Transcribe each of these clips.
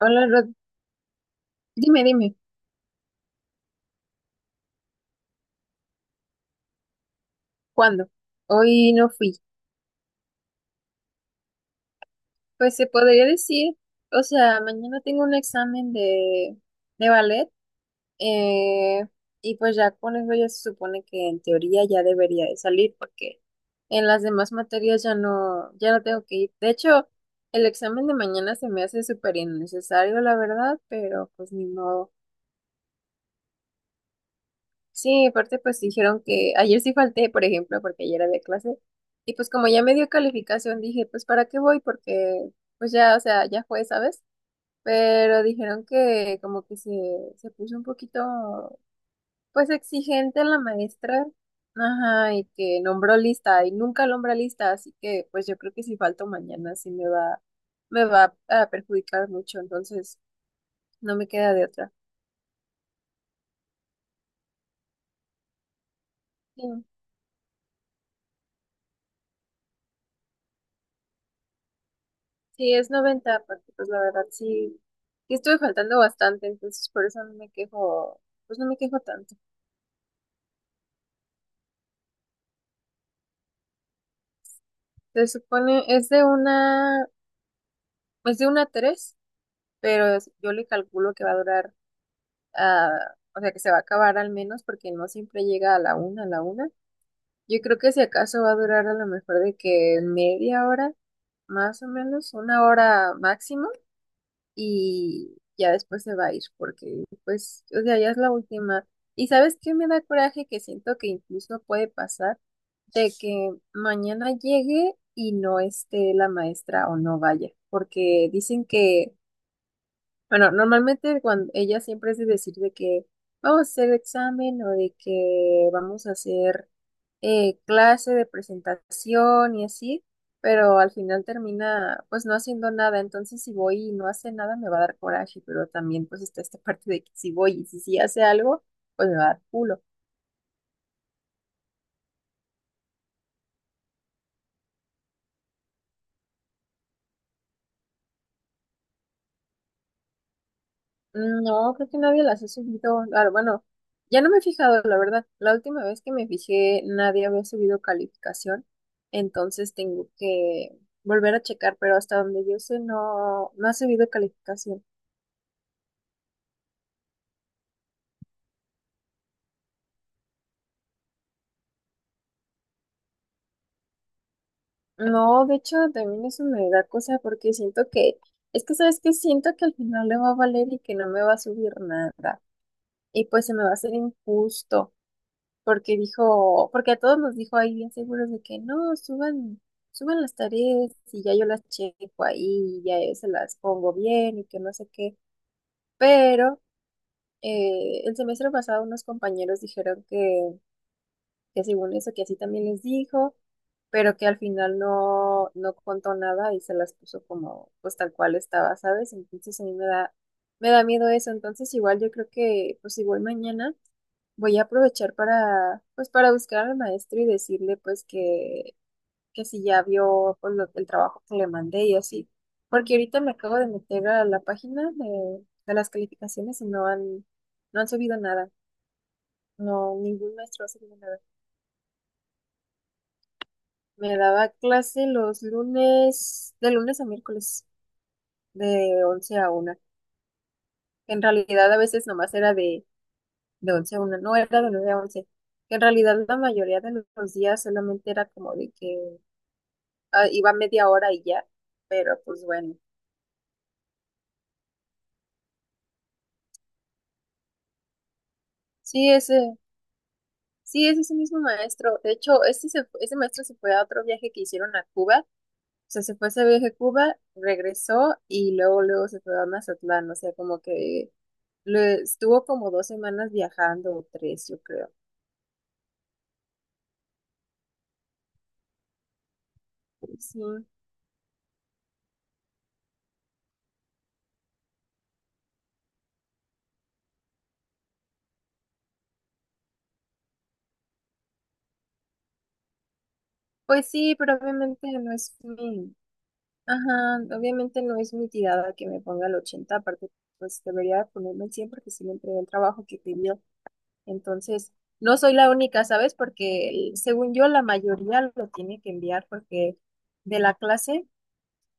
Hola, Rod. Dime, ¿cuándo? Hoy no fui. Pues se podría decir, o sea, mañana tengo un examen de ballet eh, y pues ya con eso ya se supone que en teoría ya debería de salir porque en las demás materias ya no tengo que ir. De hecho, el examen de mañana se me hace súper innecesario, la verdad, pero pues ni modo. Sí, aparte pues dijeron que ayer sí falté, por ejemplo, porque ayer había clase. Y pues como ya me dio calificación, dije, pues ¿para qué voy? Porque pues ya, o sea, ya fue, ¿sabes? Pero dijeron que se puso un poquito, pues exigente la maestra. Ajá, y que nombró lista y nunca nombra lista, así que pues yo creo que si falto mañana me va a perjudicar mucho, entonces no me queda de otra. Sí. Sí, es 90, porque pues la verdad sí, sí estuve faltando bastante, entonces por eso no me quejo, pues no me quejo tanto. Se supone, es de una 3 pero yo le calculo que va a durar, ah, o sea que se va a acabar al menos, porque no siempre llega a a la una. Yo creo que si acaso va a durar a lo mejor de que media hora, más o menos, una hora máximo, y ya después se va a ir porque pues, o sea, ya es la última. Y sabes qué me da coraje que siento que incluso puede pasar de que mañana llegue y no esté la maestra o no vaya, porque dicen que, bueno, normalmente cuando ella siempre es de decir de que vamos a hacer examen o de que vamos a hacer clase de presentación y así, pero al final termina pues no haciendo nada, entonces si voy y no hace nada me va a dar coraje, pero también pues está esta parte de que si voy y si sí hace algo, pues me va a dar culo. No, creo que nadie las ha subido, ah, bueno, ya no me he fijado, la verdad, la última vez que me fijé nadie había subido calificación, entonces tengo que volver a checar, pero hasta donde yo sé no ha subido calificación. No, de hecho, también eso me da cosa porque siento que es que sabes que siento que al final le va a valer y que no me va a subir nada. Y pues se me va a hacer injusto, porque a todos nos dijo ahí bien seguros de que no, suban, suban las tareas y ya yo las checo ahí, y ya yo se las pongo bien y que no sé qué. Pero el semestre pasado unos compañeros dijeron que según eso, que así también les dijo, pero que al final no contó nada y se las puso como, pues tal cual estaba, ¿sabes? Entonces a mí me da miedo eso, entonces igual yo creo que, pues igual mañana voy a aprovechar para, pues para buscar al maestro y decirle, pues que si ya vio pues, el trabajo que le mandé y así, porque ahorita me acabo de meter a la de las calificaciones y no han subido nada, no, ningún maestro ha subido nada. Me daba clase los lunes, de lunes a miércoles, de 11 a una. En realidad a veces de 11 a una no era de 9 a once. En realidad la mayoría de los días solamente era como de que iba media hora y ya, pero pues bueno. Sí, ese, sí, es ese mismo maestro. De hecho, ese maestro se fue a otro viaje que hicieron a Cuba, sea, se fue ese viaje a Cuba, regresó y luego se fue a Mazatlán. O sea, como que estuvo como dos semanas viajando o tres, yo creo. Sí. Pues sí, pero obviamente no es mi, ajá, obviamente no es mi tirada que me ponga el 80 aparte pues debería ponerme el 100 porque sí me entregué el trabajo que pidió. Entonces, no soy la única, ¿sabes? Porque según yo la mayoría lo tiene que enviar porque de la clase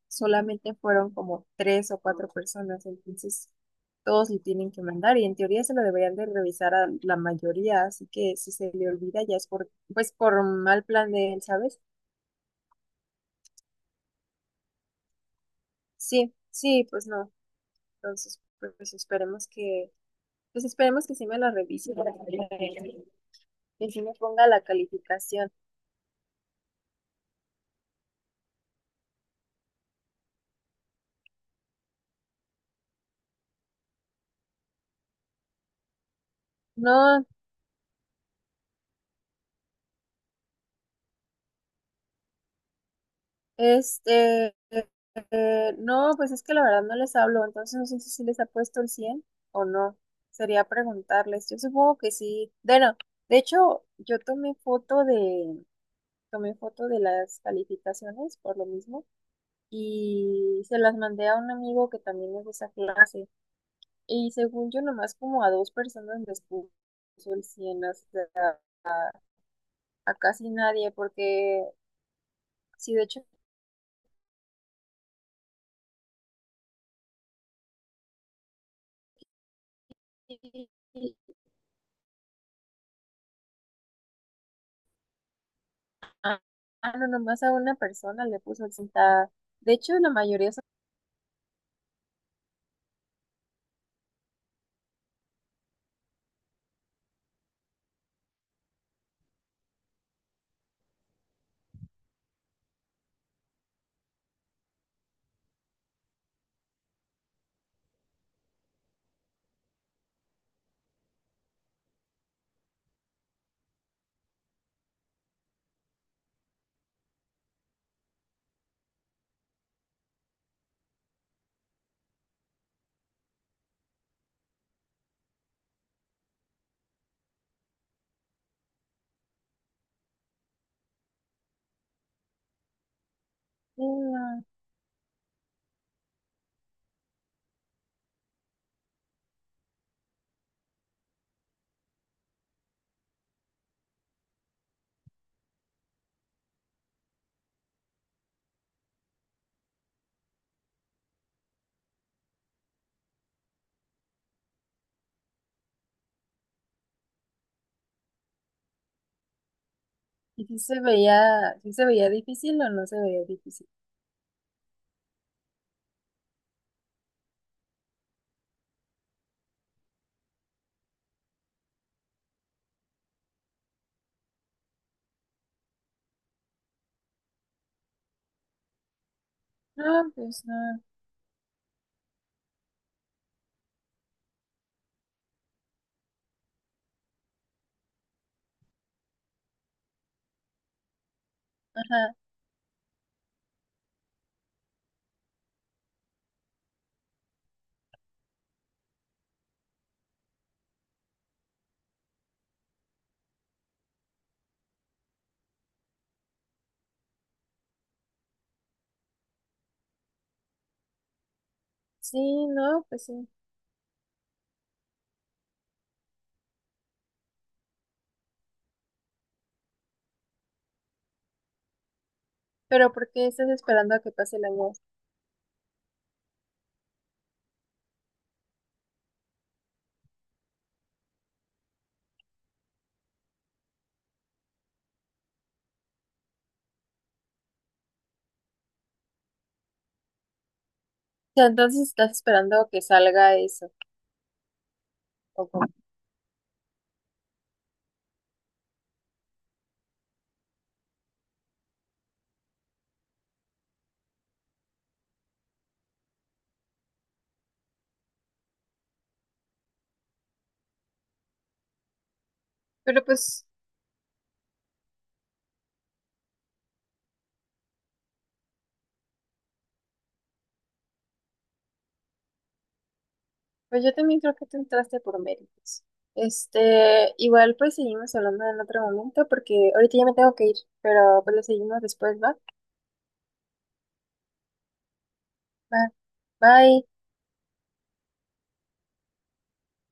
solamente fueron como tres o cuatro personas, entonces todos le tienen que mandar y en teoría se lo deberían de revisar a la mayoría, así que si se le olvida ya es por, pues por mal plan de él, ¿sabes? Sí, sí, pues no, entonces pues esperemos que, pues esperemos que sí me la revise para que sí me ponga la calificación. No, este, no, pues es que la verdad no les hablo, entonces no sé si les ha puesto el 100 o no. Sería preguntarles. Yo supongo que sí. Bueno, de hecho, yo tomé foto de las calificaciones por lo mismo y se las mandé a un amigo que también es de esa clase. Y según yo, nomás como a dos personas les puso el 100, o a casi nadie, porque sí, de hecho ah, ah, no, nomás a una persona le puso el cinta. De hecho, la mayoría son... Mm, ¿y si se veía, si se veía difícil o no se veía difícil? No, pues no. Ajá. Sí, no, pues sí. Pero ¿por qué estás esperando a que pase el año? O sea, entonces estás esperando a que salga eso. ¿O cómo? Pero pues, pues yo también creo que tú entraste por méritos. Este, igual pues seguimos hablando en otro momento porque ahorita ya me tengo que ir, pero pues lo seguimos después, ¿va? Va. Bye.